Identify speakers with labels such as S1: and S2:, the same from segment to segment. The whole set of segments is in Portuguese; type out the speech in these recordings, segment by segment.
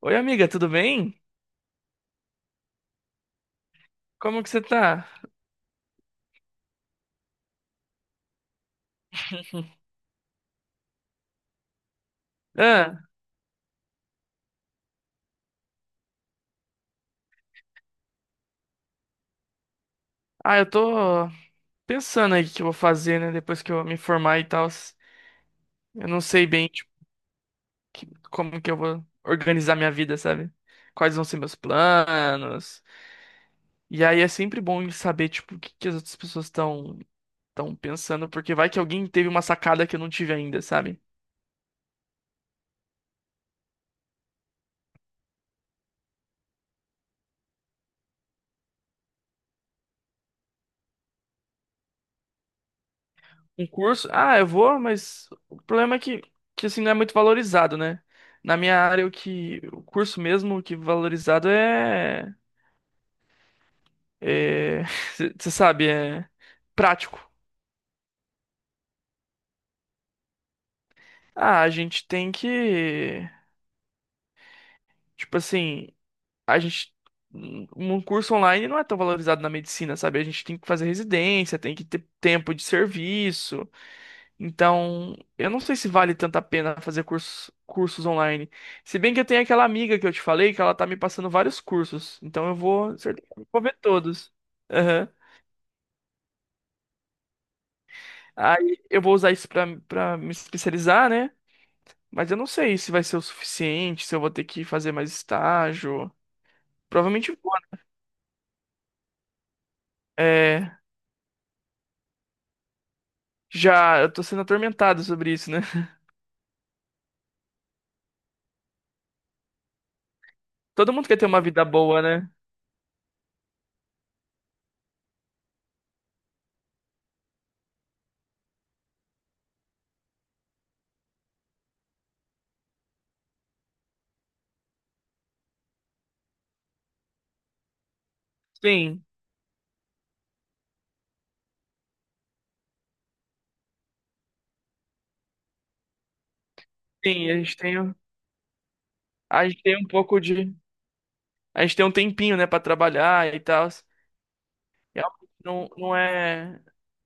S1: Oi, amiga, tudo bem? Como que você tá? Ah, eu tô pensando aí o que eu vou fazer, né? Depois que eu me formar e tal. Eu não sei bem, tipo, como que eu vou organizar minha vida, sabe? Quais vão ser meus planos. E aí é sempre bom saber, tipo, o que que as outras pessoas estão pensando, porque vai que alguém teve uma sacada que eu não tive ainda, sabe? Um curso, ah, eu vou, mas o problema é que assim, não é muito valorizado, né? Na minha área, o que o curso mesmo o que valorizado é é, você sabe, é prático. Ah, a gente tem que. Tipo assim, a gente. Um um curso online não é tão valorizado na medicina, sabe? A gente tem que fazer residência, tem que ter tempo de serviço. Então, eu não sei se vale tanto a pena fazer cursos online. Se bem que eu tenho aquela amiga que eu te falei que ela tá me passando vários cursos. Então, eu vou, certamente, vou ver todos. Aham. Aí, eu vou usar isso pra me especializar, né? Mas eu não sei se vai ser o suficiente, se eu vou ter que fazer mais estágio. Provavelmente vou. Né? É, já eu tô sendo atormentado sobre isso, né? Todo mundo quer ter uma vida boa, né? Sim, sim, a gente tem, a gente tem um pouco de. A gente tem um tempinho, né, pra trabalhar e tal. Realmente não, não é.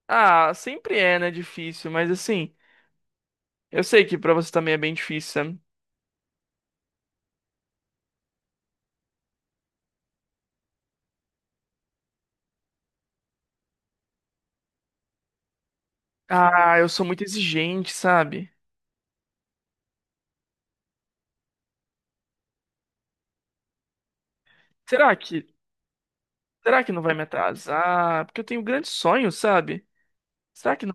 S1: Ah, sempre é, né, difícil, mas assim, eu sei que pra você também é bem difícil, sabe? Ah, eu sou muito exigente, sabe? Será que, será que não vai me atrasar? Porque eu tenho grandes sonhos, sabe? Será que não?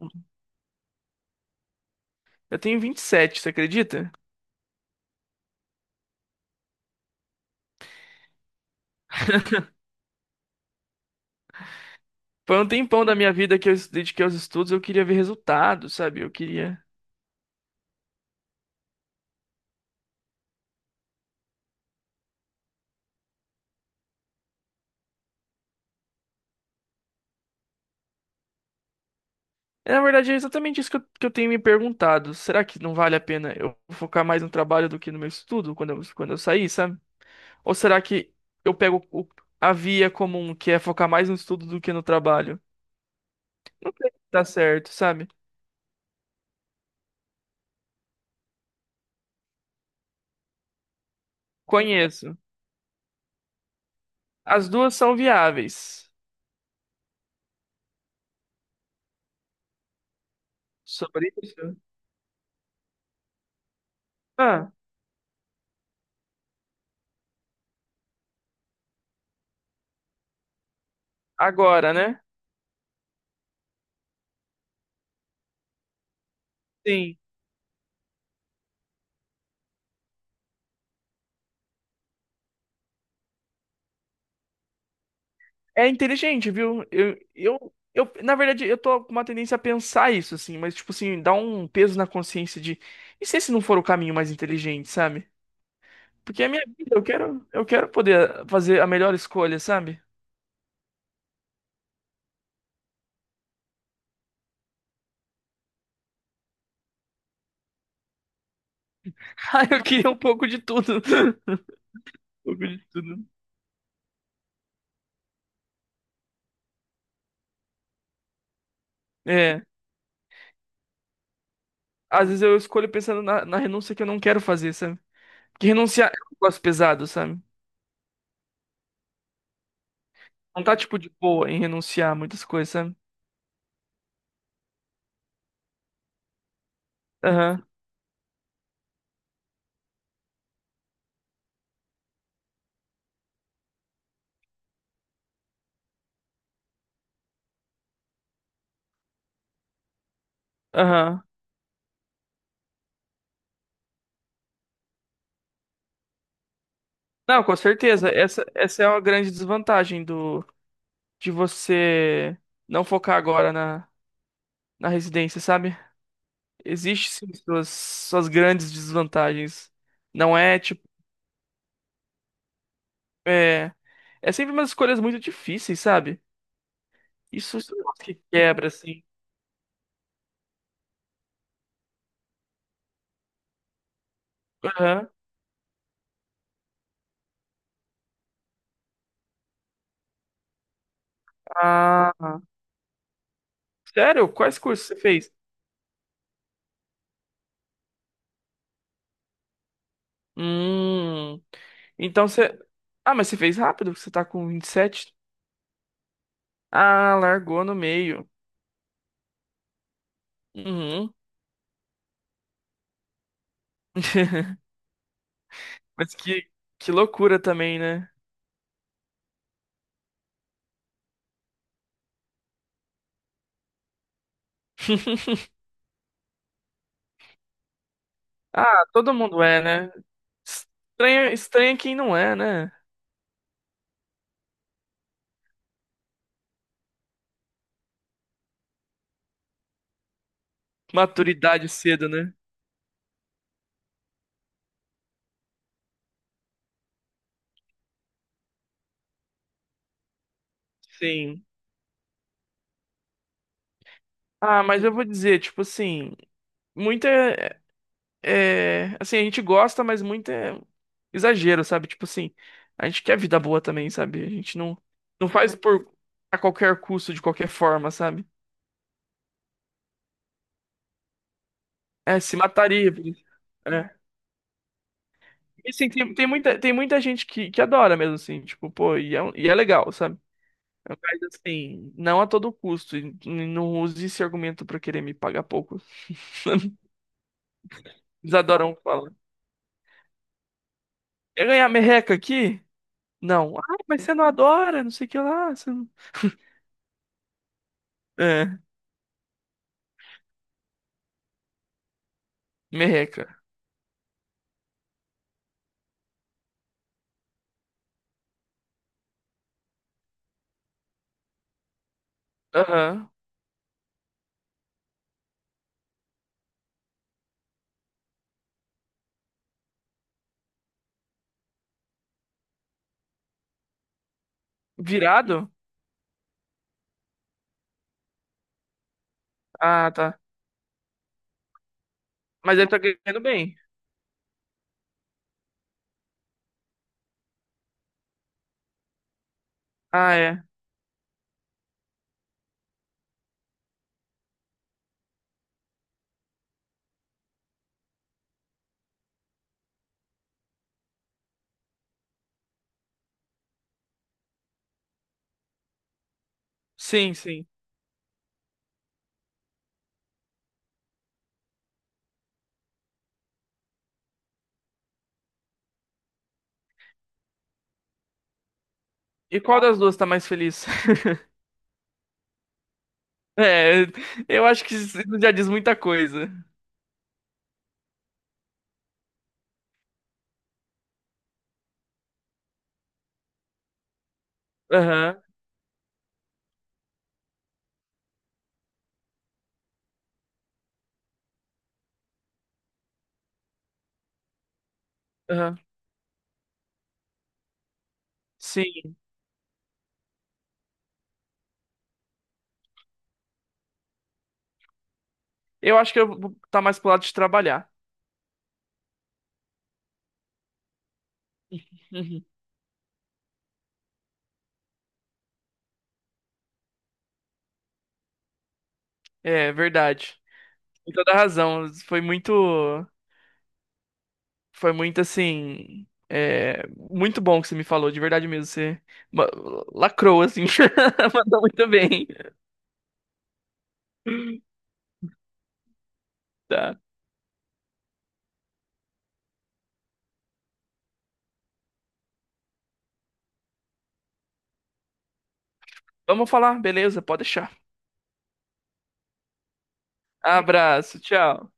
S1: Eu tenho 27, você acredita? Foi um tempão da minha vida que eu dediquei aos estudos, eu queria ver resultados, sabe? Eu queria. É, na verdade, é exatamente isso que eu tenho me perguntado. Será que não vale a pena eu focar mais no trabalho do que no meu estudo quando eu sair, sabe? Ou será que eu a via comum, que é focar mais no estudo do que no trabalho? Não sei se tá certo, sabe? Conheço. As duas são viáveis. Sobre isso? Ah, agora, né? Sim. É inteligente, viu? Na verdade, eu tô com uma tendência a pensar isso, assim, mas, tipo assim, dá um peso na consciência de, e se esse não for o caminho mais inteligente, sabe? Porque é minha vida, eu quero poder fazer a melhor escolha, sabe? Ah, eu queria um pouco de tudo. Um pouco de tudo. É, às vezes eu escolho pensando na renúncia que eu não quero fazer, sabe? Porque renunciar é um negócio pesado, sabe? Não tá, tipo, de boa em renunciar a muitas coisas, sabe? Aham, aham. Não, com certeza. Essa é uma grande desvantagem do de você não focar agora na, na residência, sabe? Existe sim suas grandes desvantagens. Não é tipo. É, é sempre umas escolhas muito difíceis, sabe? Isso é um negócio que quebra, assim. Aham. Ah, sério? Quais cursos você fez? Hum. Então você. Ah, mas você fez rápido? Você tá com 27. Ah, largou no meio. Uhum. Mas que loucura também, né? Ah, todo mundo é, né? Estranha, estranha quem não é, né? Maturidade cedo, né? Sim. Ah, mas eu vou dizer, tipo assim, muita é, assim, a gente gosta, mas muito é exagero, sabe? Tipo assim, a gente quer vida boa também, sabe? A gente não faz por a qualquer custo, de qualquer forma, sabe? É, se mataria por isso. É. E assim, tem, tem muita gente que adora mesmo assim, tipo, pô, e é, e é legal, sabe? Mas assim, não a todo custo. Não use esse argumento pra querer me pagar pouco. Eles adoram falar. Quer ganhar merreca aqui? Não. Ah, mas você não adora, não sei o que lá. Você não- É, merreca. Aham. Virado? Ah, tá. Mas ele tá ganhando bem. Ah, é. Sim, sim. E qual das duas tá mais feliz? É, eu acho que isso já diz muita coisa. Aham, aham. Sim. Eu acho que eu vou tá mais pro lado de trabalhar. Uhum. É, verdade. Com toda a razão. Foi muito. Foi muito assim. É, muito bom que você me falou, de verdade mesmo. Você ma- lacrou, assim. Mandou muito bem. Tá. Vamos falar, beleza? Pode deixar. Abraço, tchau.